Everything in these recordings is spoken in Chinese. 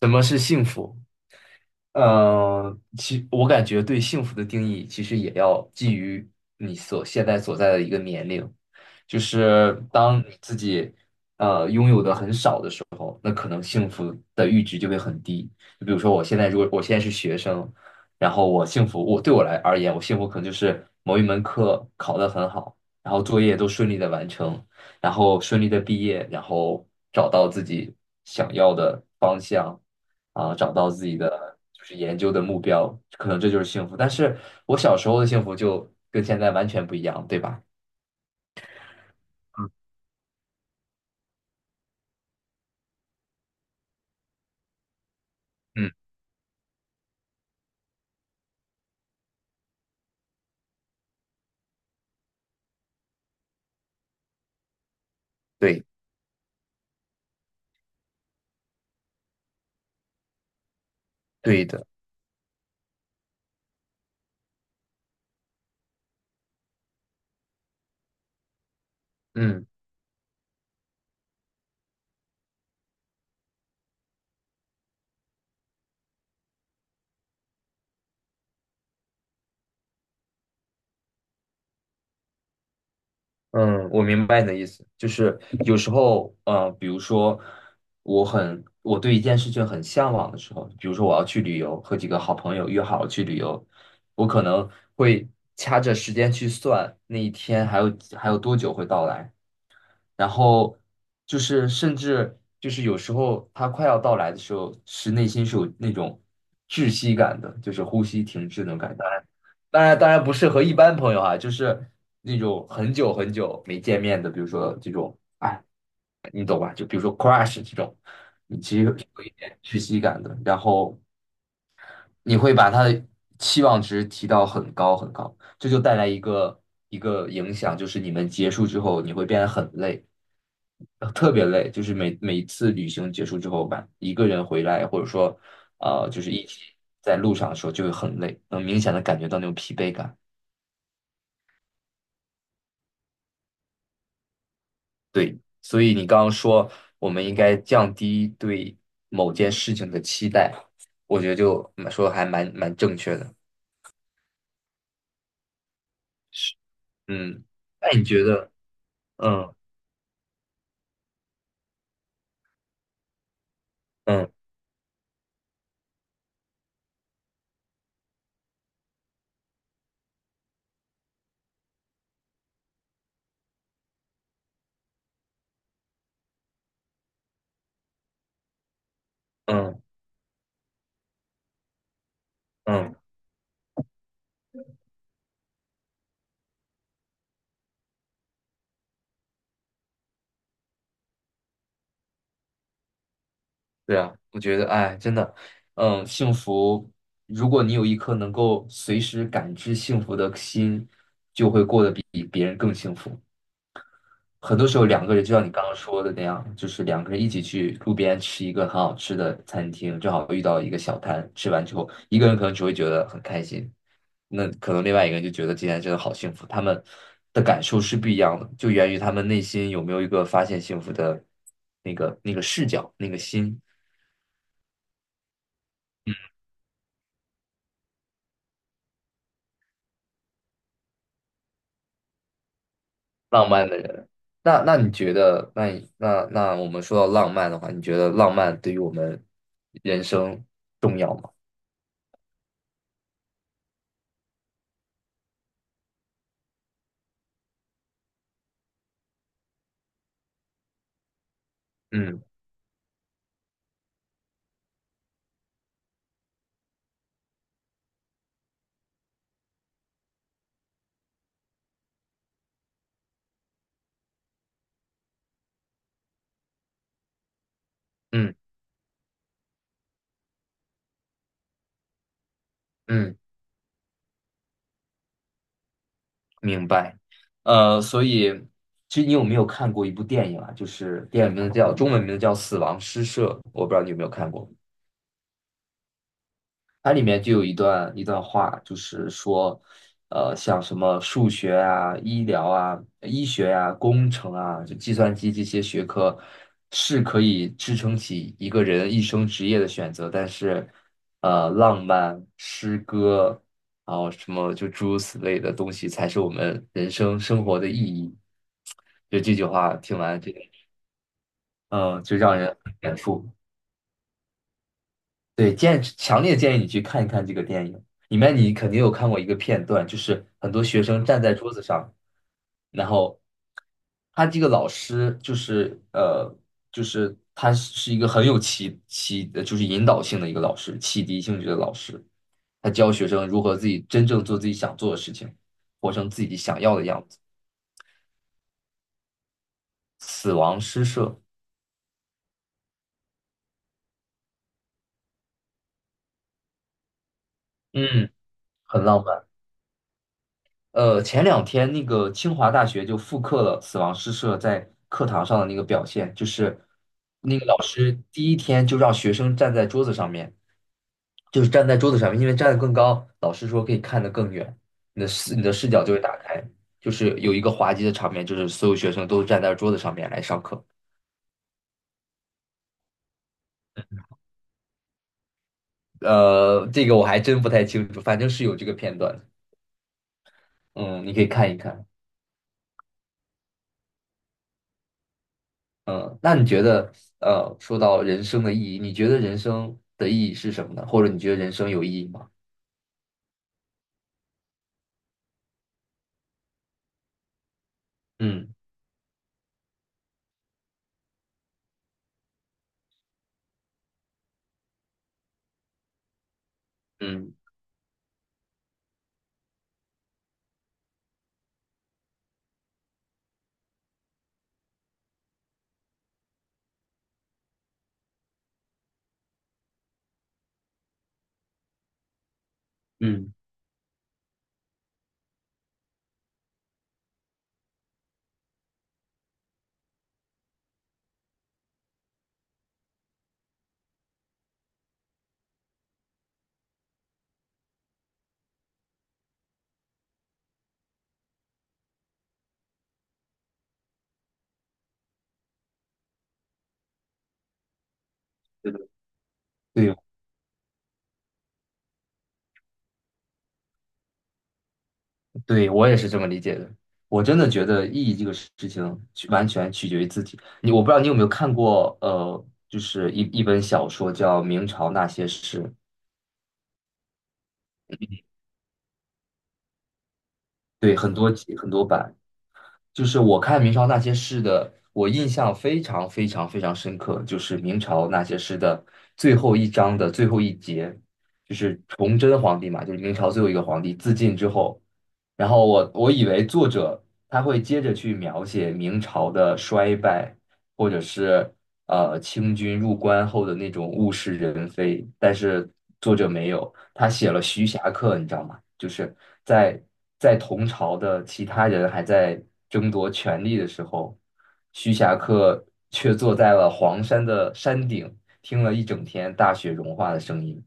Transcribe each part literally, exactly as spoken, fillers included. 什么是幸福？嗯，其我感觉对幸福的定义其实也要基于你所现在所在的一个年龄，就是当你自己呃拥有的很少的时候，那可能幸福的阈值就会很低。就比如说我现在如果我现在是学生，然后我幸福，我对我来而言，我幸福可能就是某一门课考得很好，然后作业都顺利的完成，然后顺利的毕业，然后找到自己想要的方向，啊，找到自己的就是研究的目标，可能这就是幸福。但是我小时候的幸福就跟现在完全不一样，对吧？嗯，对，对的。嗯。嗯，我明白你的意思，就是有时候，呃，比如说，我很，我对一件事情很向往的时候，比如说我要去旅游，和几个好朋友约好了去旅游，我可能会掐着时间去算那一天还有还有多久会到来，然后就是甚至就是有时候它快要到来的时候，是内心是有那种窒息感的，就是呼吸停滞那种感觉。当然，当然不适合一般朋友啊，就是那种很久很久没见面的，比如说这种，哎，你懂吧？就比如说 crush 这种，你其实有一点窒息感的，然后你会把他的期望值提到很高很高，这就带来一个一个影响，就是你们结束之后，你会变得很累，呃特别累，就是每每一次旅行结束之后吧，一个人回来，或者说，呃，就是一起在路上的时候就会很累，能明显的感觉到那种疲惫感。对，所以你刚刚说我们应该降低对某件事情的期待，我觉得就蛮说得还蛮蛮正确的。是，嗯，那你觉得，嗯嗯嗯嗯，对啊，我觉得，哎，真的，嗯，幸福，如果你有一颗能够随时感知幸福的心，就会过得比别人更幸福。很多时候两个人就像你刚刚说的那样，就是两个人一起去路边吃一个很好吃的餐厅，正好遇到一个小摊，吃完之后，一个人可能只会觉得很开心，那可能另外一个人就觉得今天真的好幸福，他们的感受是不一样的，就源于他们内心有没有一个发现幸福的那个那个视角，那个心，浪漫的人。那那你觉得，那你那那我们说到浪漫的话，你觉得浪漫对于我们人生重要吗？嗯嗯嗯。明白，呃，所以其实你有没有看过一部电影啊？就是电影名字叫中文名字叫《死亡诗社》，我不知道你有没有看过。它里面就有一段一段话，就是说，呃，像什么数学啊、医疗啊、医学啊、工程啊，就计算机这些学科，是可以支撑起一个人一生职业的选择，但是，呃，浪漫、诗歌，然后什么就诸如此类的东西，才是我们人生生活的意义。就这句话听完，这个，嗯，就让人很感触。对，建强烈建议你去看一看这个电影。里面你肯定有看过一个片段，就是很多学生站在桌子上，然后他这个老师就是呃，就是他是一个很有启启，呃就是引导性的一个老师，启迪性质的老师，他教学生如何自己真正做自己想做的事情，活成自己想要的样子。死亡诗社，嗯，很浪漫。呃，前两天那个清华大学就复刻了死亡诗社在课堂上的那个表现，就是那个老师第一天就让学生站在桌子上面，就是站在桌子上面，因为站得更高，老师说可以看得更远，你的视你的视角就会打开，就是有一个滑稽的场面，就是所有学生都站在桌子上面来上课。呃，这个我还真不太清楚，反正是有这个片段的，嗯，你可以看一看。嗯，那你觉得，呃，说到人生的意义，你觉得人生的意义是什么呢？或者你觉得人生有意义吗？嗯嗯嗯，对的对，对，我也是这么理解的。我真的觉得意义这个事情取完全取决于自己。你我不知道你有没有看过，呃，就是一一本小说叫《明朝那些事》，对，很多集很多版。就是我看明朝那些事的，我印象非常非常非常深刻，就是明朝那些事的最后一章的最后一节，就是崇祯皇帝嘛，就是明朝最后一个皇帝自尽之后，然后我我以为作者他会接着去描写明朝的衰败，或者是呃清军入关后的那种物是人非，但是作者没有。他写了《徐霞客》，你知道吗？就是在在同朝的其他人还在争夺权力的时候，徐霞客却坐在了黄山的山顶，听了一整天大雪融化的声音。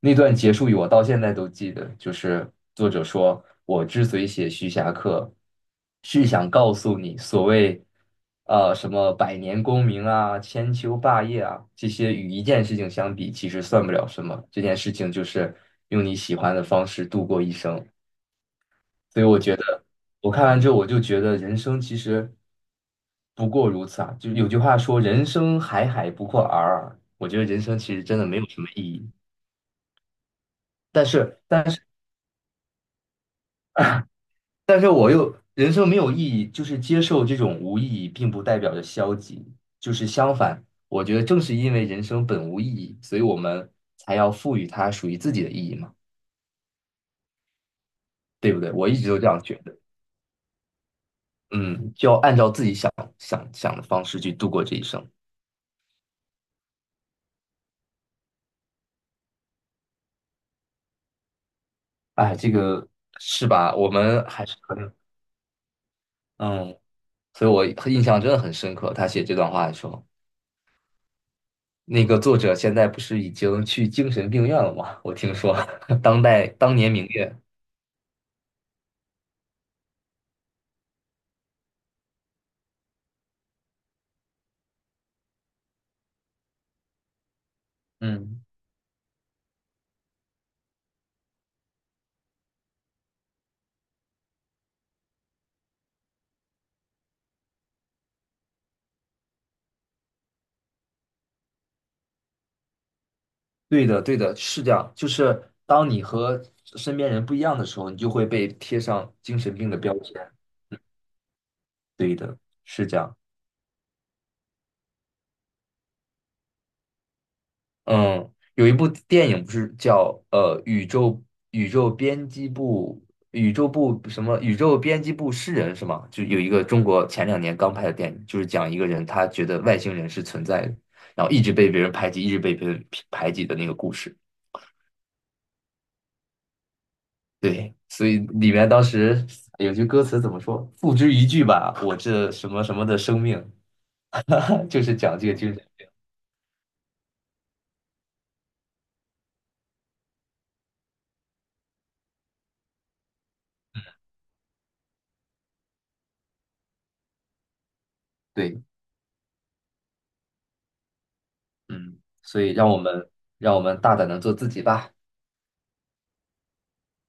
那段结束语我到现在都记得，就是作者说：“我之所以写徐霞客，是想告诉你，所谓呃什么百年功名啊、千秋霸业啊，这些与一件事情相比，其实算不了什么。这件事情就是用你喜欢的方式度过一生。”所以我觉得，我看完之后，我就觉得人生其实不过如此啊。就有句话说：“人生海海，不过尔尔。”我觉得人生其实真的没有什么意义。但是，但但是我又人生没有意义，就是接受这种无意义，并不代表着消极，就是相反，我觉得正是因为人生本无意义，所以我们才要赋予它属于自己的意义嘛，对不对？我一直都这样觉得，嗯，就要按照自己想想想的方式去度过这一生。哎，这个是吧？我们还是可能，嗯，所以我印象真的很深刻。他写这段话的时候，那个作者现在不是已经去精神病院了吗？我听说 当代当年明月。嗯。对的，对的，是这样。就是当你和身边人不一样的时候，你就会被贴上精神病的标签。对的，是这样。嗯，有一部电影不是叫呃宇宙宇宙编辑部宇宙部什么宇宙编辑部诗人是吗？就有一个中国前两年刚拍的电影，就是讲一个人他觉得外星人是存在的，然后一直被别人排挤，一直被别人排挤的那个故事。对，所以里面当时有句歌词怎么说？付之一炬吧，我这什么什么的生命，就是讲这个精神。对，嗯，所以让我们让我们大胆的做自己吧。